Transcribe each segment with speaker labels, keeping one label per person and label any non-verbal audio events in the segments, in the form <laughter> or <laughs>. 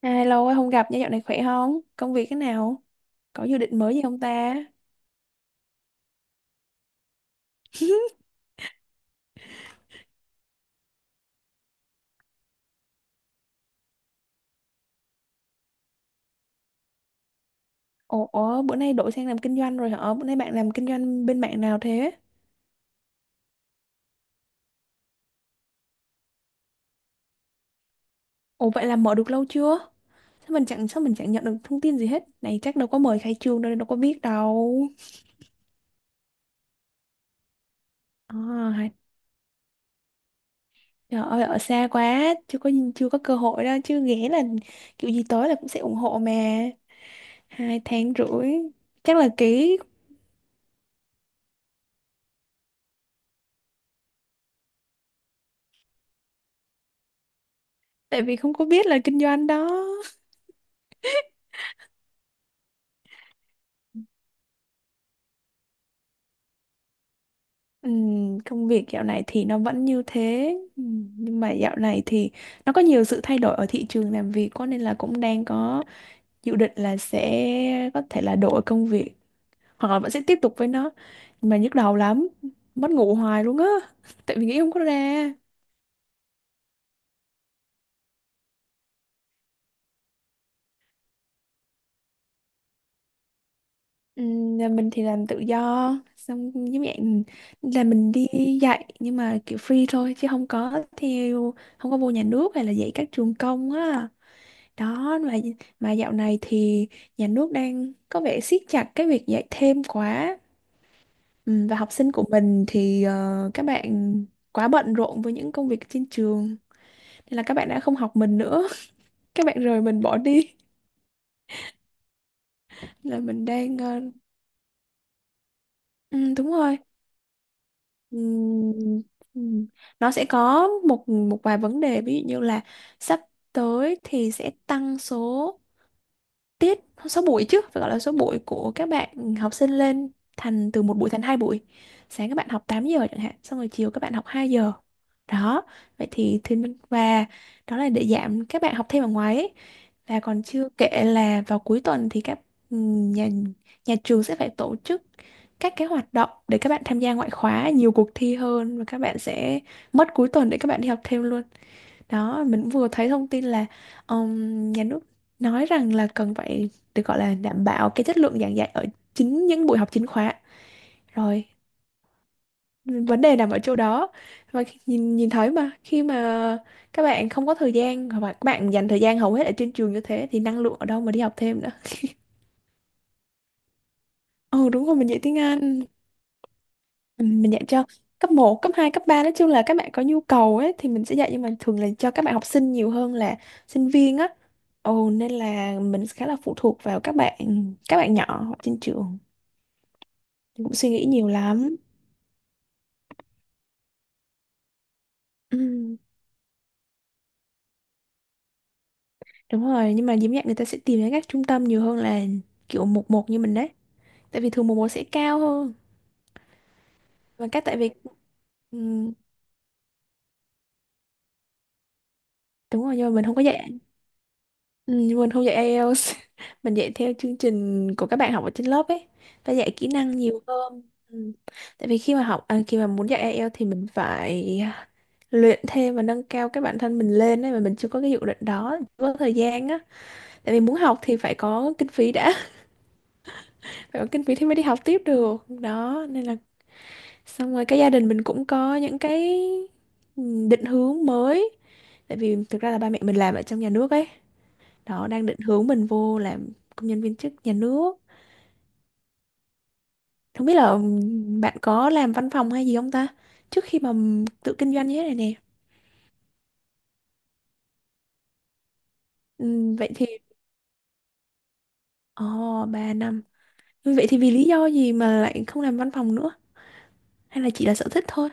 Speaker 1: À, lâu quá không gặp nha, dạo này khỏe không? Công việc thế nào? Có dự định mới gì không ta? <laughs> Ủa, bữa nay đổi sang làm kinh doanh rồi hả? Bữa nay bạn làm kinh doanh bên mạng nào thế? Ủa vậy là mở được lâu chưa? Sao mình chẳng nhận được thông tin gì hết? Này chắc đâu có mời khai trương đâu, đâu có biết đâu. À, hay- trời ơi ở xa quá, chưa có cơ hội đâu chứ ghé là kiểu gì tới là cũng sẽ ủng hộ mà. Hai tháng rưỡi chắc là ký, tại vì không có biết là kinh doanh đó. Công việc dạo này thì nó vẫn như thế. Nhưng mà dạo này thì nó có nhiều sự thay đổi ở thị trường làm việc quá nên là cũng đang có dự định là sẽ có thể là đổi công việc hoặc là vẫn sẽ tiếp tục với nó, nhưng mà nhức đầu lắm, mất ngủ hoài luôn á. <laughs> Tại vì nghĩ không có ra. Nhà mình thì làm tự do, xong giống dạng là mình đi dạy nhưng mà kiểu free thôi, chứ không có theo không có vô nhà nước hay là dạy các trường công á. Đó, mà dạo này thì nhà nước đang có vẻ siết chặt cái việc dạy thêm quá. Ừ, và học sinh của mình thì các bạn quá bận rộn với những công việc trên trường, nên là các bạn đã không học mình nữa. <laughs> Các bạn rời mình bỏ đi. Là mình đang ừ, đúng rồi. Ừ, ừ. Nó sẽ có một một vài vấn đề, ví dụ như là sắp tới thì sẽ tăng số tiết, số buổi, chứ phải gọi là số buổi của các bạn học sinh lên, thành từ một buổi thành hai buổi. Sáng các bạn học 8 giờ chẳng hạn, xong rồi chiều các bạn học 2 giờ. Đó, vậy thì thiên và đó là để giảm các bạn học thêm ở ngoài ấy. Và còn chưa kể là vào cuối tuần thì các nhà nhà trường sẽ phải tổ chức các cái hoạt động để các bạn tham gia ngoại khóa, nhiều cuộc thi hơn, và các bạn sẽ mất cuối tuần để các bạn đi học thêm luôn. Đó, mình cũng vừa thấy thông tin là nhà nước nói rằng là cần phải được gọi là đảm bảo cái chất lượng giảng dạy ở chính những buổi học chính khóa. Rồi, vấn đề nằm ở chỗ đó. Và nhìn nhìn thấy mà khi mà các bạn không có thời gian, hoặc là các bạn dành thời gian hầu hết ở trên trường như thế, thì năng lượng ở đâu mà đi học thêm nữa. <laughs> Ừ đúng rồi, mình dạy tiếng Anh. Ừ, mình dạy cho cấp một, cấp hai, cấp ba, nói chung là các bạn có nhu cầu ấy thì mình sẽ dạy, nhưng mà thường là cho các bạn học sinh nhiều hơn là sinh viên á. Ồ, nên là mình khá là phụ thuộc vào các bạn, các bạn nhỏ ở trên trường. Mình cũng suy nghĩ nhiều lắm. Ừ, đúng rồi, nhưng mà diễm nhạc người ta sẽ tìm đến các trung tâm nhiều hơn là kiểu một một như mình đấy. Tại vì thường một một sẽ cao hơn. Và các tại vì, ừ, đúng rồi nhưng mà mình không có dạy. Ừ, nhưng mình không dạy IELTS. <laughs> Mình dạy theo chương trình của các bạn học ở trên lớp ấy. Ta dạy kỹ năng nhiều hơn. Ừ. Tại vì khi mà muốn dạy IELTS thì mình phải luyện thêm và nâng cao cái bản thân mình lên ấy, mà mình chưa có cái dự định đó, chưa có thời gian á. Tại vì muốn học thì phải có kinh phí đã. Phải có kinh phí thì mới đi học tiếp được, đó nên là xong rồi cái gia đình mình cũng có những cái định hướng mới. Tại vì thực ra là ba mẹ mình làm ở trong nhà nước ấy, đó đang định hướng mình vô làm công nhân viên chức nhà nước. Không biết là bạn có làm văn phòng hay gì không ta, trước khi mà tự kinh doanh như thế này nè. Ừ, vậy thì ồ, oh, 3 năm. Ừ, vậy thì vì lý do gì mà lại không làm văn phòng nữa, hay là chỉ là sở thích thôi.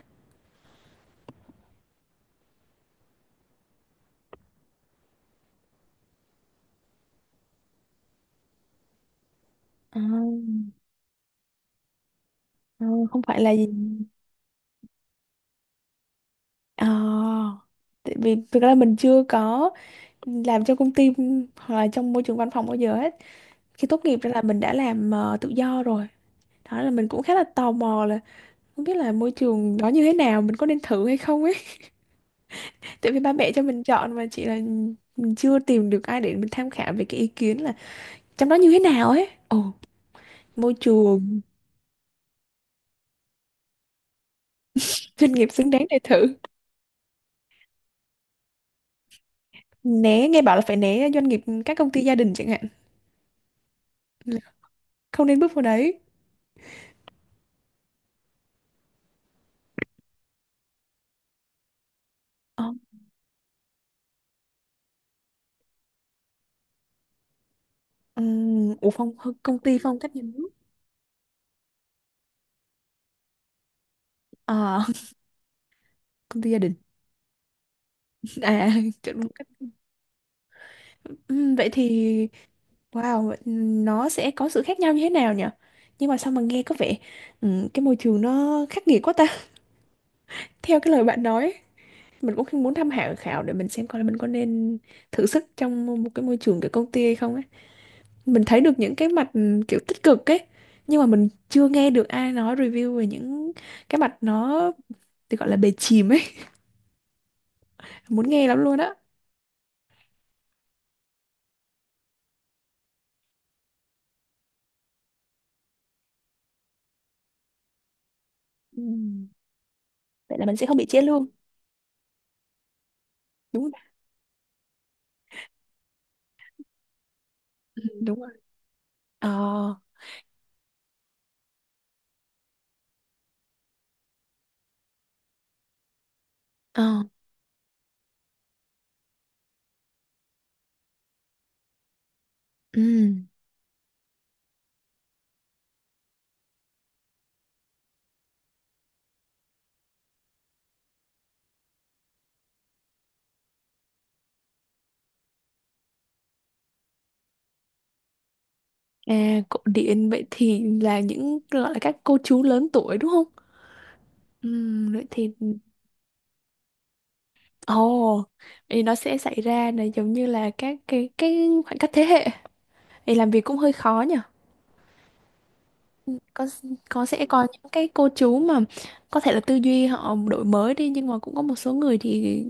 Speaker 1: À, à, không phải là gì. Ờ, tại vì thực ra mình chưa có làm trong công ty hoặc là trong môi trường văn phòng bao giờ hết. Khi tốt nghiệp ra là mình đã làm tự do rồi. Đó là mình cũng khá là tò mò là không biết là môi trường đó như thế nào, mình có nên thử hay không ấy. <laughs> Tại vì ba mẹ cho mình chọn, mà chỉ là mình chưa tìm được ai để mình tham khảo về cái ý kiến là trong đó như thế nào ấy. Ồ, môi trường doanh nghiệp xứng đáng để thử. Né, nghe bảo là phải né doanh nghiệp các công ty gia đình chẳng hạn. Là không nên bước vào đấy. Ờ. Ừ, ủa, công ty phong cách nhà nước. À, <laughs> công ty gia đình, à <laughs> kiểu đúng cách. Ừ, vậy thì, wow, nó sẽ có sự khác nhau như thế nào nhỉ? Nhưng mà sao mà nghe có vẻ, ừ, cái môi trường nó khắc nghiệt quá ta. <laughs> Theo cái lời bạn nói, mình cũng muốn tham khảo khảo để mình xem coi là mình có nên thử sức trong một cái môi trường kiểu công ty hay không ấy. Mình thấy được những cái mặt kiểu tích cực ấy, nhưng mà mình chưa nghe được ai nói review về những cái mặt nó thì gọi là bề chìm ấy. <laughs> Muốn nghe lắm luôn á. Ừm, Vậy là mình sẽ không bị chia lương đúng không? Ừ, đúng rồi. Ờ. Ờ. Ừ. À, cổ điển, vậy thì là những gọi là các cô chú lớn tuổi đúng không? Ừ, vậy thì ồ, oh, thì nó sẽ xảy ra là giống như là các cái khoảng cách thế hệ, thì làm việc cũng hơi khó nhỉ. Có có sẽ có những cái cô chú mà có thể là tư duy họ đổi mới đi, nhưng mà cũng có một số người thì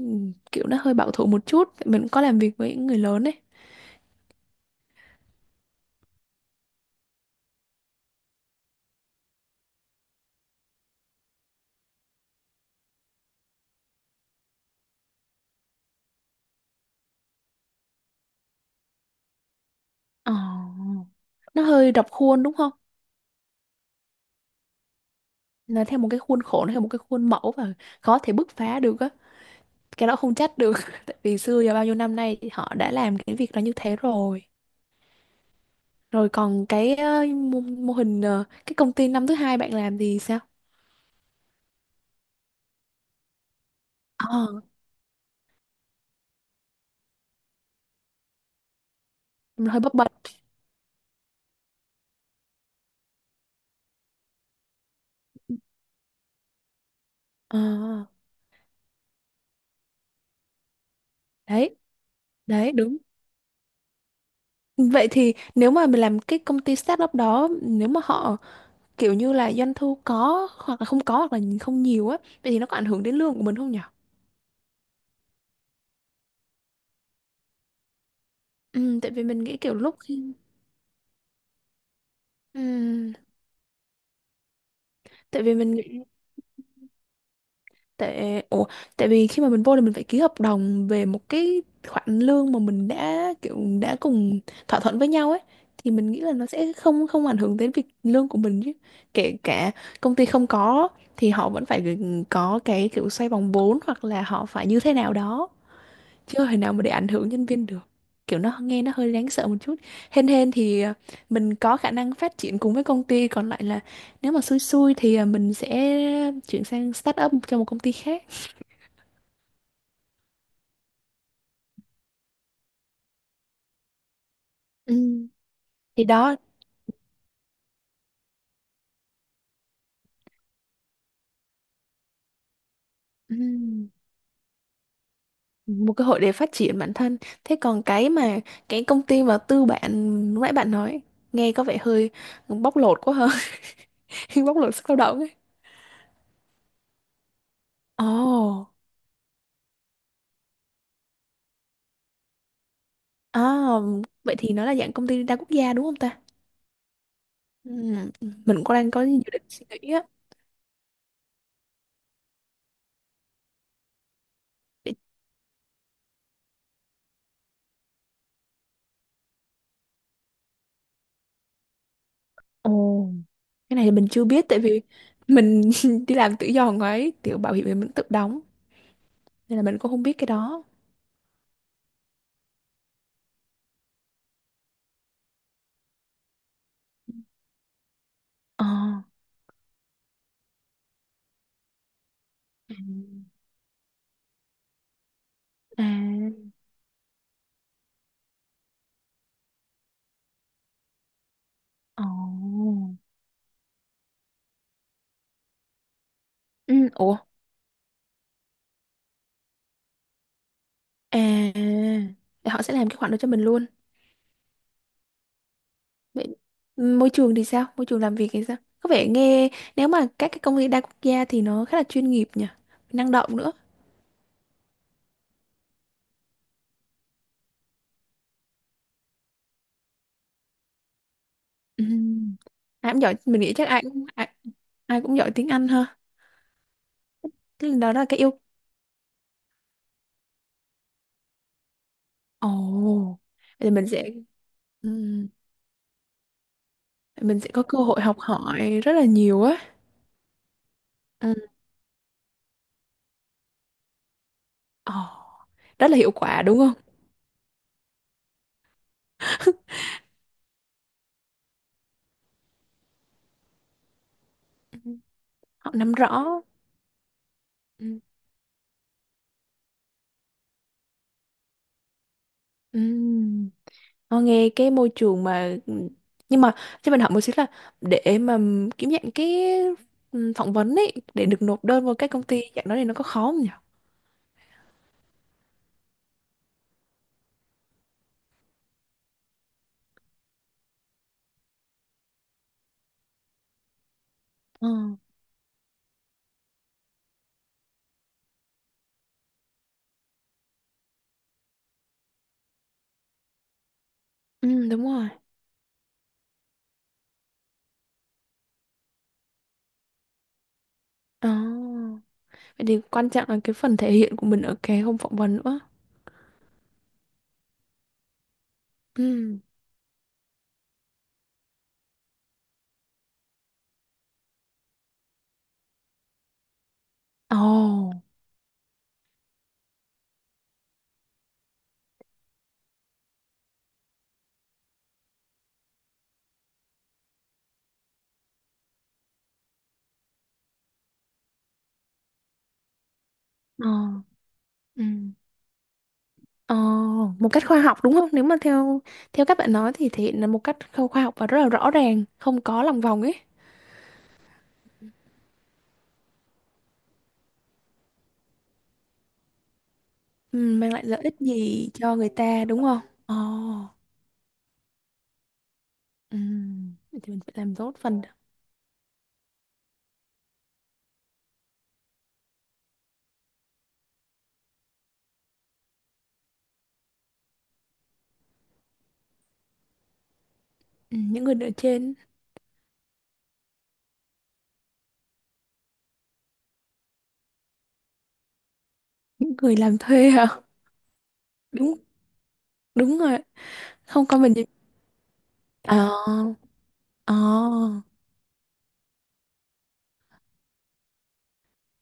Speaker 1: kiểu nó hơi bảo thủ một chút, mình cũng có làm việc với những người lớn đấy. Ờ, nó hơi rập khuôn đúng không? Nó theo một cái khuôn khổ, nó theo một cái khuôn mẫu, và khó thể bứt phá được á. Cái đó không trách được, <laughs> tại vì xưa và bao nhiêu năm nay thì họ đã làm cái việc đó như thế rồi. Rồi còn cái mô, mô hình, cái công ty năm thứ hai bạn làm thì sao? Ờ, hơi bấp bênh. Ờ, đấy, đấy đúng. Vậy thì nếu mà mình làm cái công ty startup đó, nếu mà họ kiểu như là doanh thu có hoặc là không có hoặc là không nhiều á, vậy thì nó có ảnh hưởng đến lương của mình không nhỉ? Tại vì mình nghĩ kiểu lúc khi, ừm, tại vì mình nghĩ, tại ủa, tại vì khi mà mình vô thì mình phải ký hợp đồng về một cái khoản lương mà mình đã kiểu đã cùng thỏa thuận với nhau ấy, thì mình nghĩ là nó sẽ không không ảnh hưởng đến việc lương của mình chứ. Kể cả công ty không có thì họ vẫn phải có cái kiểu xoay vòng vốn hoặc là họ phải như thế nào đó, chưa thể nào mà để ảnh hưởng nhân viên được. Kiểu nó nghe nó hơi đáng sợ một chút. Hên hên thì, à, mình có khả năng phát triển cùng với công ty. Còn lại là nếu mà xui xui thì, à, mình sẽ chuyển sang start up cho một công ty khác. Ừ. Thì đó. Ừ. Một cơ hội để phát triển bản thân. Thế còn cái mà cái công ty mà tư bản lúc nãy bạn nói, nghe có vẻ hơi bóc lột quá hơn. <laughs> Bóc lột sức lao động ấy. Ồ. À, vậy thì nó là dạng công ty đa quốc gia đúng không ta? Ừ, mình cũng đang có dự định suy nghĩ á. Để-. Ồ. Cái này thì mình chưa biết, tại vì mình <laughs> đi làm tự do ngoài ấy, kiểu bảo hiểm thì mình tự đóng, nên là mình cũng không biết cái đó. Ờ. Ừ. À. Ồ. Ừ, ủa, à, để họ sẽ làm cái khoản đó cho mình luôn. Vậy môi trường thì sao, môi trường làm việc thì sao, có vẻ nghe nếu mà các cái công ty đa quốc gia thì nó khá là chuyên nghiệp nhỉ, năng động nữa. Ừ. Ai cũng giỏi, mình nghĩ chắc ai cũng ai, ai cũng giỏi tiếng Anh ha. Thế đó là cái yêu. Ồ, thì mình sẽ, ừm, mình sẽ có cơ hội học hỏi rất là nhiều á. Ừ. Ồ, rất là hiệu quả đúng không? Ừ. Họ nắm rõ. Ừ. Ừm. Ờ, nghe cái môi trường mà, nhưng mà cho mình hỏi một xíu là để mà, kiếm dạng cái, phỏng vấn ấy để được nộp đơn vào các công ty dạng đó thì nó có khó không nhỉ? Ờ. Ừ, đúng rồi. Ờ. Vậy thì quan trọng là cái phần thể hiện của mình ở cái hôm phỏng vấn nữa. Ừ. Ồ. Ờ. Ừ. Ờ, một cách khoa học đúng không? Nếu mà theo, theo các bạn nói thì thể hiện là một cách khoa học và rất là rõ ràng, không có lòng vòng ấy. Ừ, mang lại lợi ích gì cho người ta đúng không? Ồ, ừ. Vậy thì mình phải làm tốt phần đó. Ừ, những người ở trên, những người làm thuê hả? Đúng, đúng rồi. Không có mình gì. Ờ, ờ.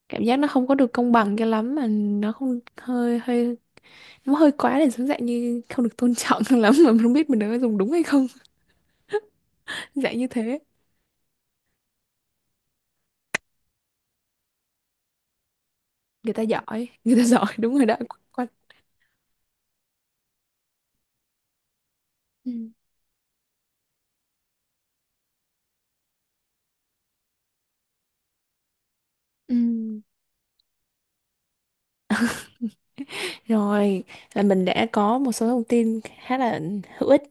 Speaker 1: Cảm giác nó không có được công bằng cho lắm, mà nó không, hơi hơi, nó hơi quá, để giống dạng như không được tôn trọng <laughs> lắm, mà mình không biết mình đã dùng đúng hay không. <laughs> Dạng như thế. Người ta giỏi, người ta <laughs> giỏi đúng rồi đó. Quá-. Ừ. Ừ. Rồi, là mình đã có một số thông tin khá là hữu ích.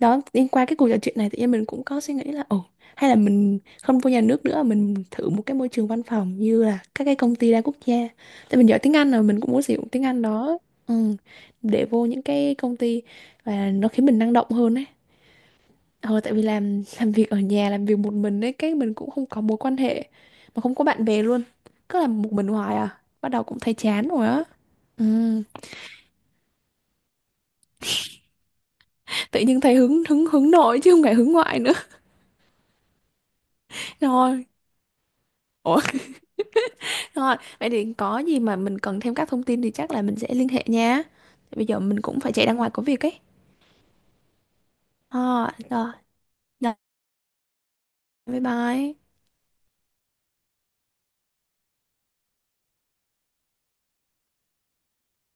Speaker 1: Đó, liên qua cái cuộc trò chuyện này tự nhiên mình cũng có suy nghĩ là, ồ, hay là mình không vô nhà nước nữa, mình thử một cái môi trường văn phòng như là các cái công ty đa quốc gia. Tại mình giỏi tiếng Anh rồi, mình cũng muốn sử dụng tiếng Anh đó. Ừ, để vô những cái công ty và nó khiến mình năng động hơn ấy. Ờ, tại vì làm việc ở nhà, làm việc một mình ấy cái mình cũng không có mối quan hệ, mà không có bạn bè luôn, cứ làm một mình hoài à, bắt đầu cũng thấy chán rồi á. Ừ. Tự nhiên thấy hứng hứng hứng nội chứ không phải hứng ngoại nữa. <laughs> Rồi. Ủa, rồi vậy thì có gì mà mình cần thêm các thông tin thì chắc là mình sẽ liên hệ nha. Bây giờ mình cũng phải chạy ra ngoài có việc ấy. Ờ, rồi. Rồi. Bye bye.